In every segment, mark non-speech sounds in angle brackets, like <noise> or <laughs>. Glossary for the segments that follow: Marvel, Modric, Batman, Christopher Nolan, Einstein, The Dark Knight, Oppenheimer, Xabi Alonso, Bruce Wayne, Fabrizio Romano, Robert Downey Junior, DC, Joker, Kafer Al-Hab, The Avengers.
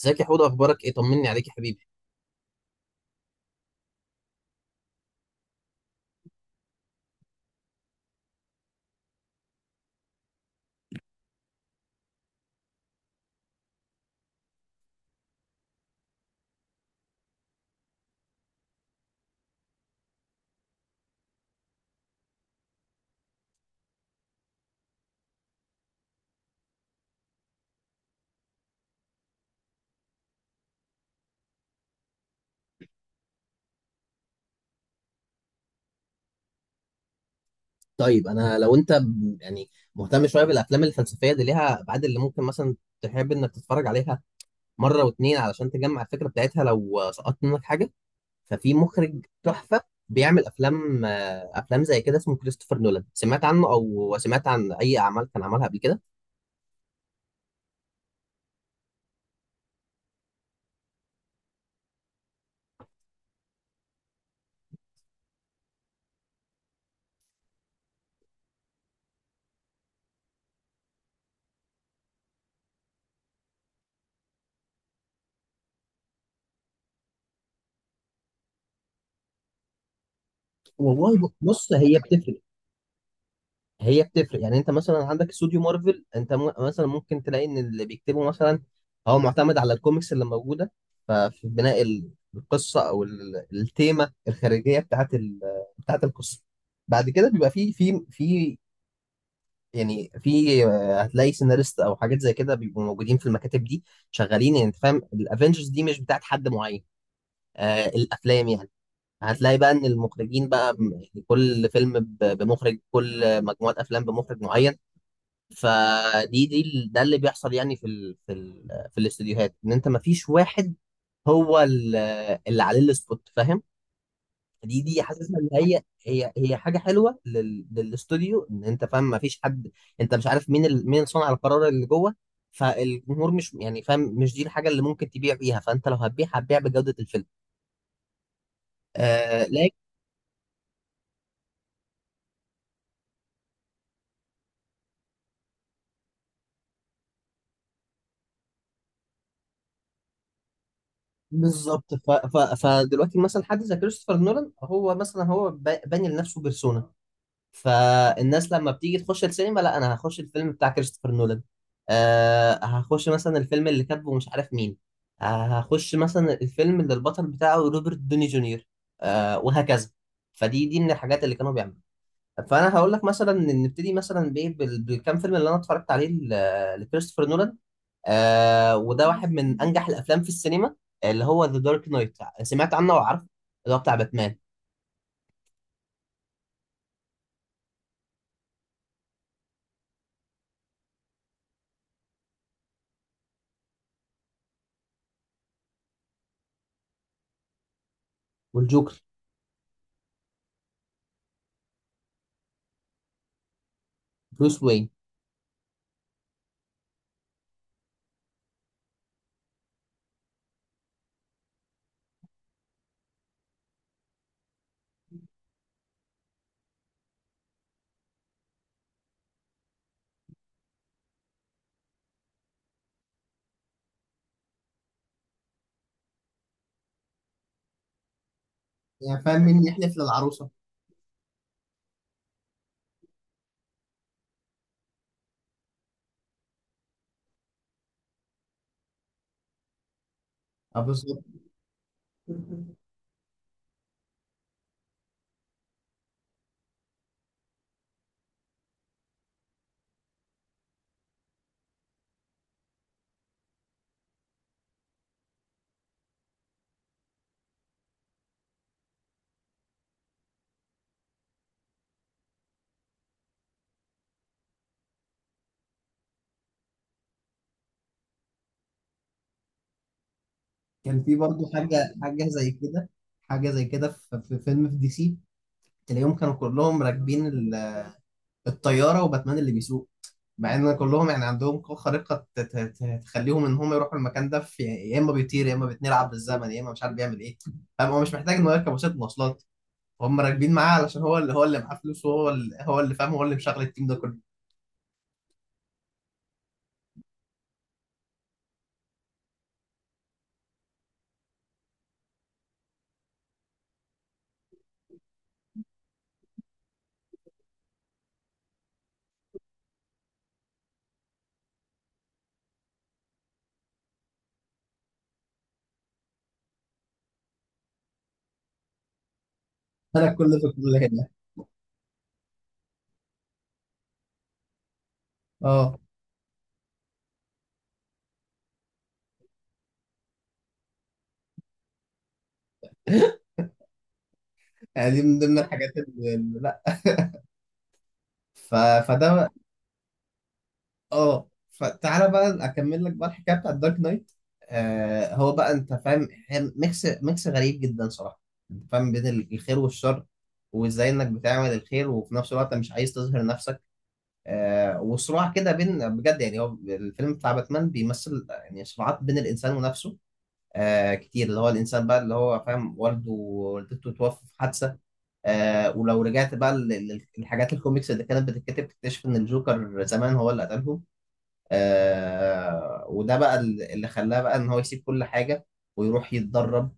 ازيك يا حوده؟ اخبارك ايه؟ طمني عليك يا حبيبي. طيب انا لو انت يعني مهتم شويه بالافلام الفلسفيه، دي ليها ابعاد اللي ممكن مثلا تحب انك تتفرج عليها مره واتنين علشان تجمع الفكره بتاعتها لو سقطت منك حاجه. ففي مخرج تحفه بيعمل افلام، افلام زي كده، اسمه كريستوفر نولان. سمعت عنه او سمعت عن اي اعمال كان عملها قبل كده؟ والله بص، هي بتفرق. هي بتفرق. يعني انت مثلا عندك استوديو مارفل، انت مثلا ممكن تلاقي ان اللي بيكتبه مثلا هو معتمد على الكوميكس اللي موجوده. ففي بناء القصه او التيمه الخارجيه بتاعت القصه. بعد كده بيبقى في يعني في، هتلاقي سيناريست او حاجات زي كده بيبقوا موجودين في المكاتب دي شغالين. يعني انت فاهم، الافنجرز دي مش بتاعت حد معين، آه الافلام يعني. هتلاقي بقى ان المخرجين بقى كل فيلم بمخرج، كل مجموعه افلام بمخرج معين. فدي ده اللي بيحصل يعني في الاستديوهات، ان انت ما فيش واحد هو اللي عليه السبوت، فاهم؟ دي حاسسها ان هي حاجه حلوه للاستوديو، ان انت فاهم ما فيش حد. انت مش عارف مين مين صانع القرار اللي جوه، فالجمهور مش يعني فاهم. مش دي الحاجه اللي ممكن تبيع بيها، فانت لو هتبيع هتبيع بجوده الفيلم. آه لكن بالظبط، فدلوقتي مثلا حد زي كريستوفر نولان هو مثلا هو باني لنفسه بيرسونا، فالناس لما بتيجي تخش السينما، لا انا هخش الفيلم بتاع كريستوفر نولان. أه هخش مثلا الفيلم اللي كاتبه مش عارف مين. أه هخش مثلا الفيلم اللي البطل بتاعه روبرت دوني جونيور. أه وهكذا. فدي من الحاجات اللي كانوا بيعملوا. فانا هقول لك مثلا إن نبتدي مثلا بايه، بالكام فيلم اللي انا اتفرجت عليه لكريستوفر نولان. أه، وده واحد من انجح الافلام في السينما، اللي هو ذا دارك نايت. سمعت عنه وعارفه؟ اللي هو بتاع باتمان والجوكر. بروس وين. يعني فاهم، مين يحلف للعروسة. اه بالظبط. كان في برضه حاجة زي كده، حاجة زي كده في، فيلم في دي سي، تلاقيهم كانوا كلهم راكبين الطيارة، وباتمان اللي بيسوق، مع ان كلهم يعني عندهم قوة خارقة تخليهم ان هم يروحوا المكان ده، في يا اما بيطير، يا اما بيتنقل عبر الزمن، يا اما مش عارف بيعمل ايه. فاهم، هو مش محتاج انه يركب وسيلة مواصلات، هم راكبين معاه علشان هو اللي معاه فلوس، وهو اللي فاهم، هو اللي مشغل التيم ده كله. <laughs> انا كل ده كله هنا. اه <laughs> يعني دي من ضمن الحاجات لا. <laughs> ف... فده. اه فتعالى بقى اكمل لك بقى الحكايه بتاعت دارك نايت. آه هو بقى انت فاهم، هي ميكس غريب جدا صراحه. انت فاهم، بين الخير والشر، وازاي انك بتعمل الخير وفي نفس الوقت مش عايز تظهر نفسك. آه وصراع كده بين، بجد يعني هو الفيلم بتاع باتمان بيمثل يعني صراعات بين الانسان ونفسه، آه كتير. اللي هو الانسان بقى اللي هو فاهم والده ووالدته توفوا في حادثه. آه ولو رجعت بقى للحاجات الكوميكس اللي كانت بتتكتب، تكتشف ان الجوكر زمان هو اللي قتلهم. آه، وده بقى اللي خلاه بقى ان هو يسيب كل حاجه ويروح يتدرب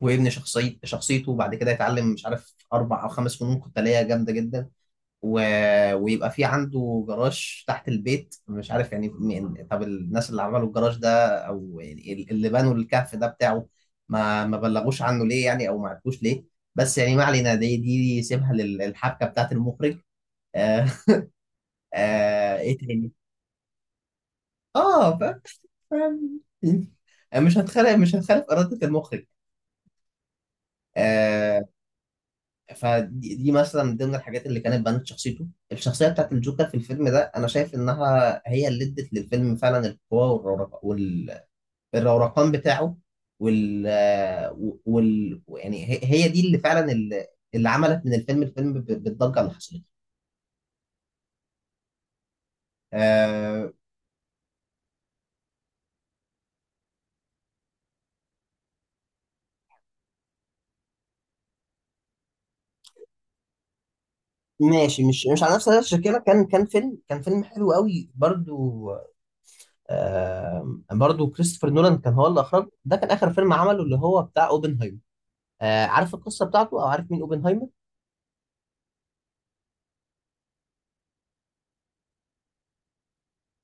ويبني شخصيته، وبعد كده يتعلم مش عارف اربع او خمس فنون قتاليه جامده جدا. و... ويبقى في عنده جراج تحت البيت. مش عارف يعني طب الناس اللي عملوا الجراج ده او يعني اللي بنوا الكهف ده بتاعه، ما بلغوش عنه ليه يعني، او ما عرفوش ليه. بس يعني ما علينا، دي سيبها للحبكه بتاعت المخرج. آه. آه ايه تاني؟ اه بس فاهم. مش هتخالف إرادة المخرج. آه. فدي مثلا من ضمن الحاجات اللي كانت بنت شخصيته، الشخصية بتاعت الجوكر في الفيلم ده، أنا شايف إنها اللي ادت للفيلم فعلا القوة، والروقان بتاعه، وال آه، وال يعني هي دي اللي فعلا اللي عملت من الفيلم الفيلم بالضجة اللي حصلت. آه. ماشي، مش على نفس الشكل كده. كان فيلم حلو قوي برضو. برضو كريستوفر نولان كان هو اللي اخرجه، ده كان اخر فيلم عمله، اللي هو بتاع اوبنهايمر. آه، عارف القصه بتاعته او عارف مين اوبنهايمر؟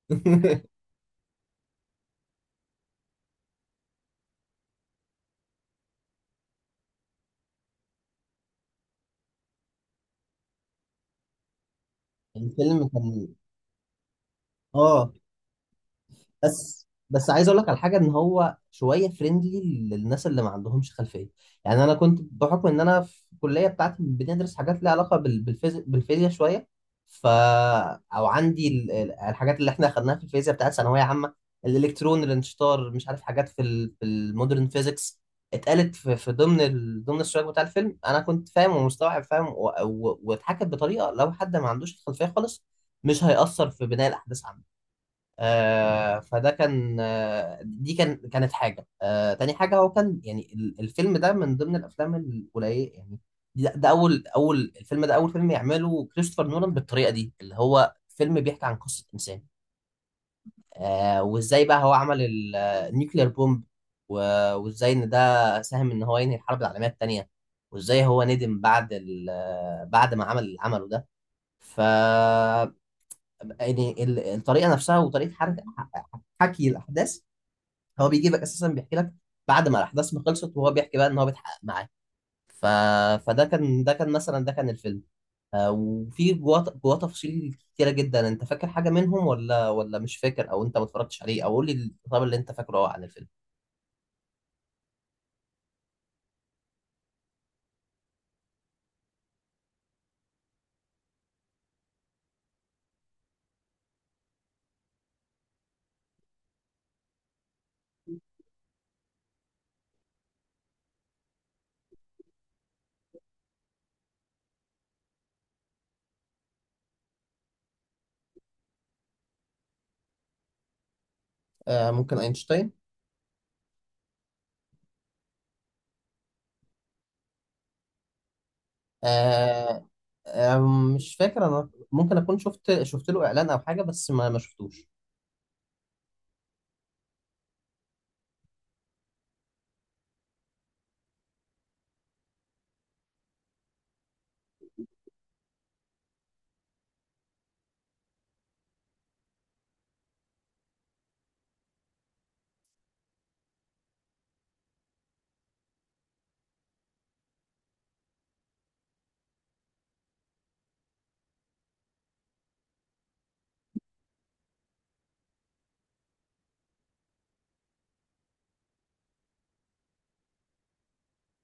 <laughs> الفيلم كان، اه بس، عايز اقول لك على حاجه، ان هو شويه فريندلي للناس اللي ما عندهمش خلفيه. يعني انا كنت بحكم ان انا في الكليه بتاعتي بندرس حاجات ليها علاقه بالفيزياء، بالفيزياء شويه. ف او عندي الحاجات اللي احنا اخدناها في الفيزياء بتاعت ثانويه عامه، الالكترون، الانشطار، مش عارف حاجات في في المودرن فيزيكس. اتقالت في، في ضمن ضمن السياق بتاع الفيلم، انا كنت فاهم ومستوعب، فاهم واتحكت بطريقه لو حد ما عندوش الخلفيه خالص، مش هيأثر في بناء الاحداث. آه فده كان، آه دي كان كانت حاجة. آه تاني حاجة، هو كان يعني الفيلم ده من ضمن الأفلام القليلة يعني، ده, ده أول أول الفيلم ده أول فيلم يعمله كريستوفر نولان بالطريقة دي، اللي هو فيلم بيحكي عن قصة إنسان. آه وإزاي بقى هو عمل النيوكلير بومب، وإزاي إن ده ساهم إن هو ينهي الحرب العالمية التانية، وإزاي هو ندم بعد بعد ما عمل اللي عمله ده. ف يعني الطريقه نفسها، وطريقه حكي الاحداث، هو بيجيبك اساسا بيحكي لك بعد ما الاحداث ما خلصت، وهو بيحكي بقى ان هو بيتحقق معاه. ف... فده كان، ده كان مثلا، ده كان الفيلم. آه، وفي جواه، تفاصيل كتيره جدا. انت فاكر حاجه منهم ولا مش فاكر، او انت ما اتفرجتش عليه، او قول لي الخطاب اللي انت فاكره عن الفيلم. آه، ممكن اينشتاين. آه. آه، مش فاكر. انا ممكن اكون شفت، له اعلان او حاجه، بس ما شفتوش.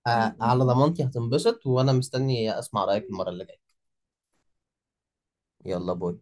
آه، على ضمانتي هتنبسط، وانا مستني اسمع رايك المره اللي جايه. يلا باي.